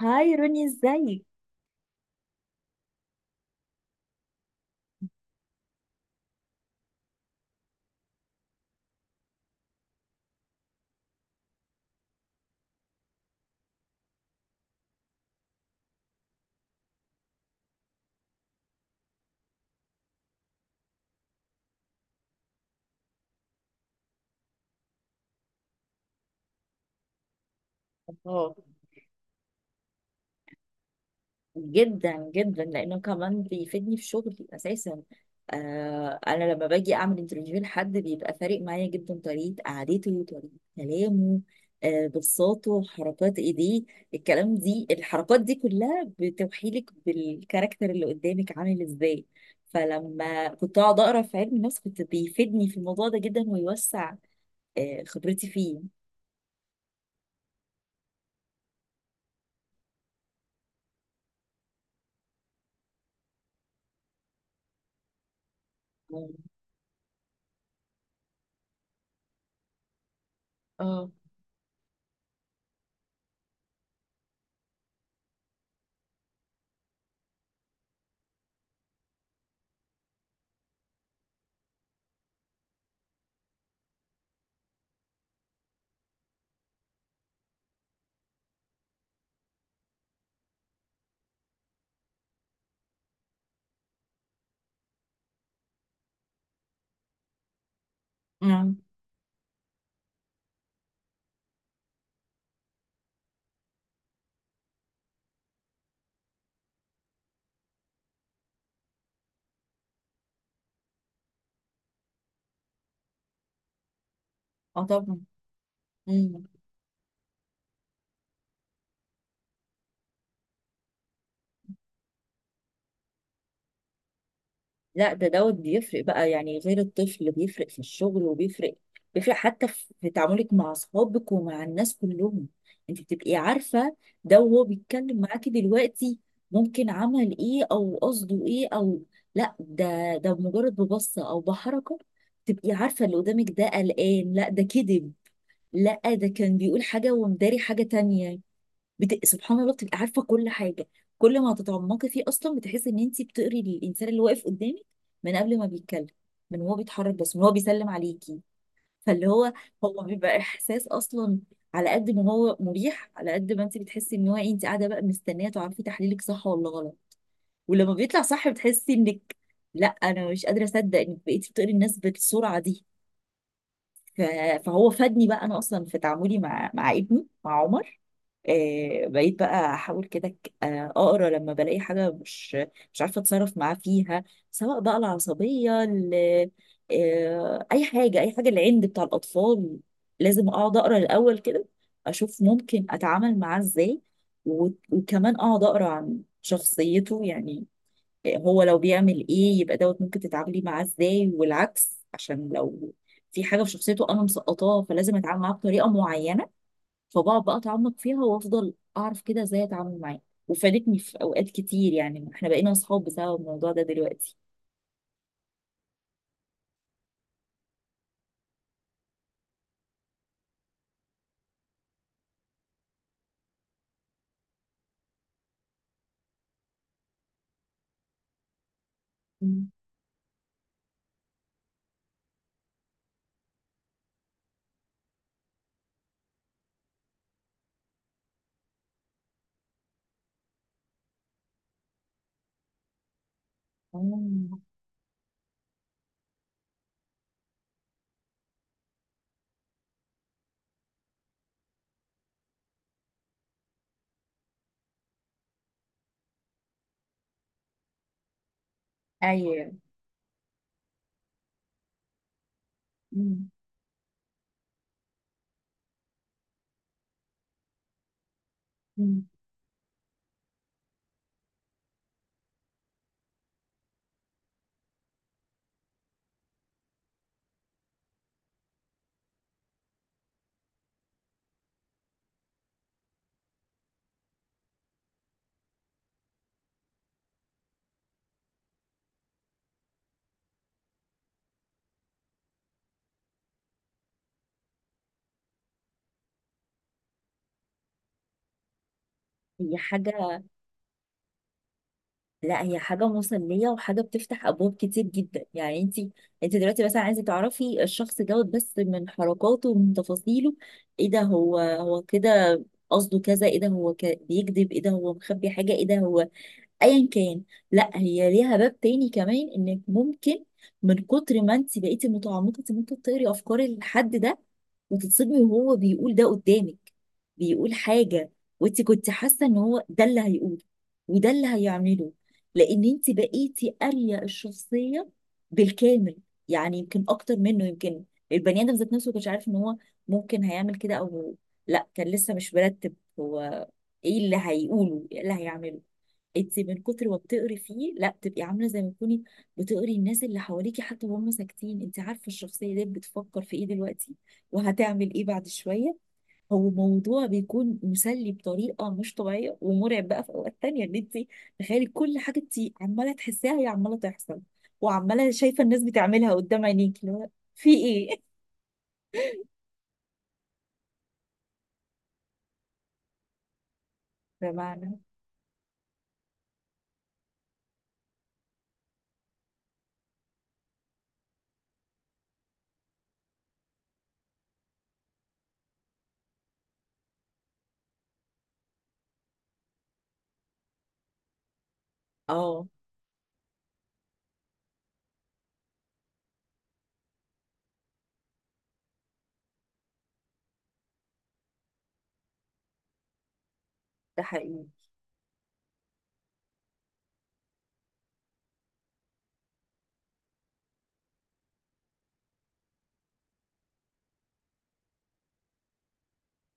هاي روني، ازيك؟ الله. جدا جدا، لانه كمان بيفيدني في شغلي اساسا. انا لما باجي اعمل انترفيو لحد بيبقى فارق معايا جدا، طريقه قعدته، طريقه كلامه، بصاته، حركات ايديه. الكلام دي الحركات دي كلها بتوحيلك بالكاركتر اللي قدامك عامل ازاي. فلما كنت اقعد اقرا في علم النفس كنت بيفيدني في الموضوع ده جدا، ويوسع خبرتي فيه. اه. اه. آه. طبعا. لا، ده دوت بيفرق بقى، يعني غير الطفل بيفرق في الشغل، وبيفرق حتى في تعاملك مع اصحابك ومع الناس كلهم. انت بتبقي عارفه ده وهو بيتكلم معاكي دلوقتي، ممكن عمل ايه او قصده ايه، او لا ده مجرد ببصه او بحركه تبقي عارفه اللي قدامك ده قلقان، لا ده كذب، لا ده كان بيقول حاجه ومداري حاجه تانية. سبحان الله، بتبقي عارفه كل حاجه. كل ما تتعمقي فيه اصلا بتحسي ان انت بتقري الانسان اللي واقف قدامك من قبل ما بيتكلم، من هو بيتحرك، بس من هو بيسلم عليكي. فاللي هو هو بيبقى احساس اصلا، على قد ما هو مريح على قد ما انت بتحسي ان هو إيه. انت قاعده بقى مستنيه تعرفي تحليلك صح ولا غلط، ولما بيطلع صح بتحسي انك لا، انا مش قادره اصدق انك بقيتي بتقري الناس بالسرعه دي. ف... فهو فادني بقى انا اصلا في تعاملي مع ابني، مع عمر. بقيت بقى احاول كده، اقرا لما بلاقي حاجه مش عارفه اتصرف معاه فيها، سواء بقى العصبيه اي حاجه، اي حاجه، العند بتاع الاطفال، لازم اقعد اقرا الاول كده اشوف ممكن اتعامل معاه ازاي. وكمان اقعد اقرا عن شخصيته يعني، هو لو بيعمل ايه يبقى دوت ممكن تتعاملي معاه ازاي، والعكس عشان لو في حاجه في شخصيته انا مسقطاها فلازم اتعامل معاه بطريقه معينه. فبقعد بقى اتعمق فيها وافضل اعرف كده ازاي اتعامل معاه، وفادتني في اوقات كتير. يعني احنا بقينا اصحاب بسبب الموضوع ده دلوقتي. مم. مم. ايوه. مم. مم. هي حاجة، لا هي حاجة مسلية وحاجة بتفتح أبواب كتير جدا. يعني انت انت دلوقتي مثلا عايزة تعرفي الشخص دوت بس من حركاته ومن تفاصيله، ايه ده، هو كده؟ قصده كذا، ايه ده هو بيكذب، ايه ده هو مخبي حاجة، ايه ده هو ايا كان. لا هي ليها باب تاني كمان، انك ممكن من كتر ما انت بقيتي متعمقه انت ممكن تقري افكار الحد ده وتتصدمي، وهو بيقول ده قدامك، بيقول حاجه وانت كنت حاسه ان هو ده اللي هيقوله وده اللي هيعمله، لان انت بقيتي قاريه الشخصيه بالكامل. يعني يمكن اكتر منه، يمكن البني ادم ذات نفسه ما كانش عارف ان هو ممكن هيعمل كده، او لا، كان لسه مش مرتب هو ايه اللي هيقوله ايه اللي هيعمله. انت من كتر ما بتقري فيه لا بتبقي عامله زي ما تكوني بتقري الناس اللي حواليكي حتى وهم ساكتين، انت عارفه الشخصيه دي بتفكر في ايه دلوقتي وهتعمل ايه بعد شويه. هو موضوع بيكون مسلي بطريقه مش طبيعيه، ومرعب بقى في اوقات تانية ان انت تخيلي كل حاجه انت عماله تحسيها هي عماله تحصل، وعماله شايفه الناس بتعملها قدام عينيكي، اللي هو في ايه. بمعنى اه. ده حقيقي.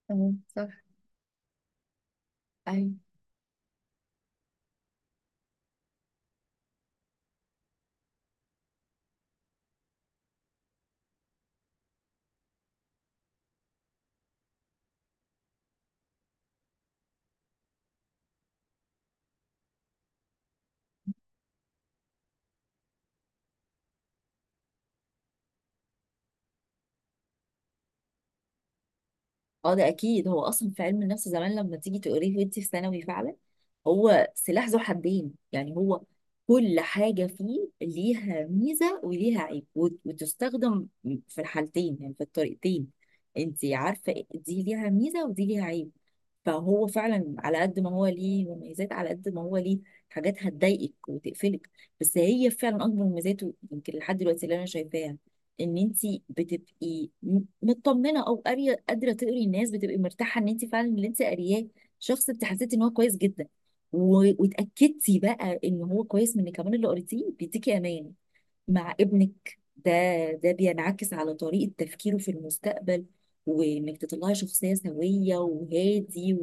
اه صح. ايوه. اه، ده اكيد. هو اصلا في علم النفس زمان لما تيجي تقريه وانت في ثانوي، فعلا هو سلاح ذو حدين. يعني هو كل حاجه فيه ليها ميزه وليها عيب، وتستخدم في الحالتين، يعني في الطريقتين. انت عارفه دي ليها ميزه ودي ليها عيب. فهو فعلا على قد ما هو ليه مميزات على قد ما هو ليه حاجات هتضايقك وتقفلك. بس هي فعلا اكبر مميزاته يمكن لحد دلوقتي اللي انا شايفاها ان انت بتبقي مطمنه، او قاريه، قادره تقري الناس بتبقي مرتاحه ان انت فعلا اللي انت قارياه شخص انت حسيتي ان هو كويس جدا، واتاكدتي بقى ان هو كويس من كمان اللي قريتيه بيديكي امان. مع ابنك ده، ده بينعكس على طريقة تفكيره في المستقبل، وإنك تطلعي شخصية سوية وهادي،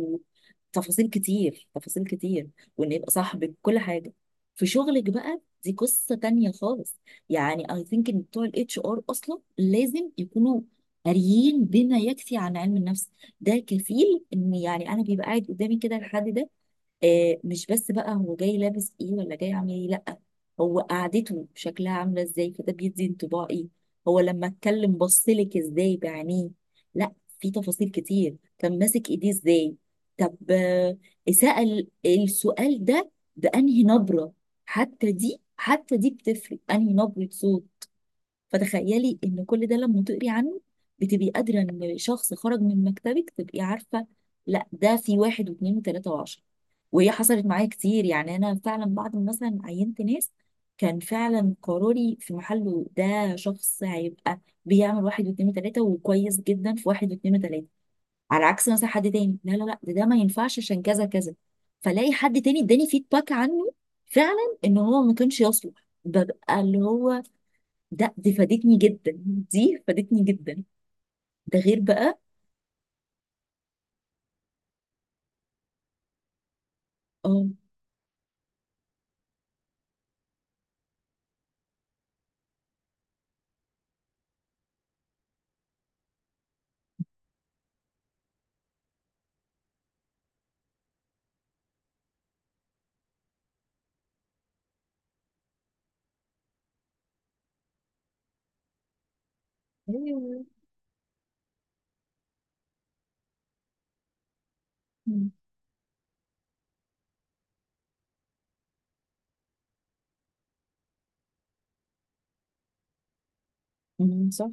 وتفاصيل كتير تفاصيل كتير، وإن يبقى صاحبك كل حاجة. في شغلك بقى دي قصة تانية خالص. يعني I think إن بتوع ال HR أصلا لازم يكونوا قاريين بما يكفي عن علم النفس. ده كفيل. إن يعني أنا بيبقى قاعد قدامي كده الحد ده، آه مش بس بقى هو جاي لابس ايه ولا جاي عامل ايه، لا، هو قعدته شكلها عامله ازاي، فده بيدي انطباع ايه، هو لما اتكلم بصلك ازاي بعينيه، لا في تفاصيل كتير، كان ماسك ايديه ازاي، طب آه، سأل السؤال ده بأنهي نبرة. حتى دي، حتى دي بتفرق، أنهي نبرة صوت. فتخيلي إن كل ده لما تقري عنه بتبقي قادرة إن شخص خرج من مكتبك تبقي عارفة لا ده في واحد واثنين وثلاثة و10. وهي حصلت معايا كتير، يعني انا فعلا بعد ما مثلا عينت ناس كان فعلا قراري في محله، ده شخص هيبقى بيعمل واحد واتنين وتلاته وكويس جدا في واحد واتنين وتلاته، على عكس مثلا حد تاني، لا لا لا، ده ما ينفعش عشان كذا كذا. فلاقي حد تاني اداني فيدباك عنه فعلا ان هو ما كانش يصلح، ببقى اللي هو ده. دي فادتني جدا، دي فادتني جدا. ده غير بقى اه. أيوة. مم. مم، صح.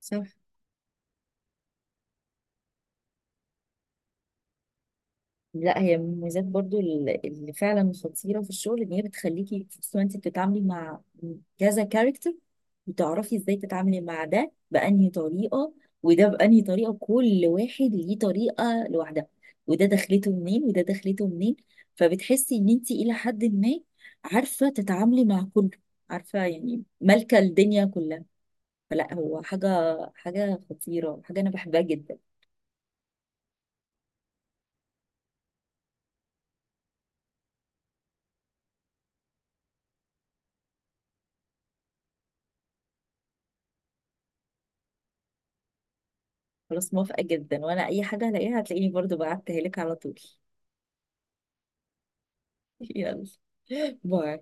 صح. لا هي من المميزات برضو اللي فعلا خطيرة في الشغل، ان هي بتخليكي خصوصا انت بتتعاملي مع كذا كاركتر، بتعرفي ازاي تتعاملي مع ده بأنهي طريقة وده بأنهي طريقة، كل واحد ليه طريقة لوحدها، وده دخلته منين وده دخلته منين. فبتحسي ان انت الى حد ما عارفة تتعاملي مع كله، عارفة يعني مالكة الدنيا كلها. فلا هو حاجة، حاجة خطيرة، حاجة انا بحبها جدا. خلاص، موافقة جدا، وانا اي حاجة هلاقيها هتلاقيني برضو بعتها لك على طول. يلا. باي.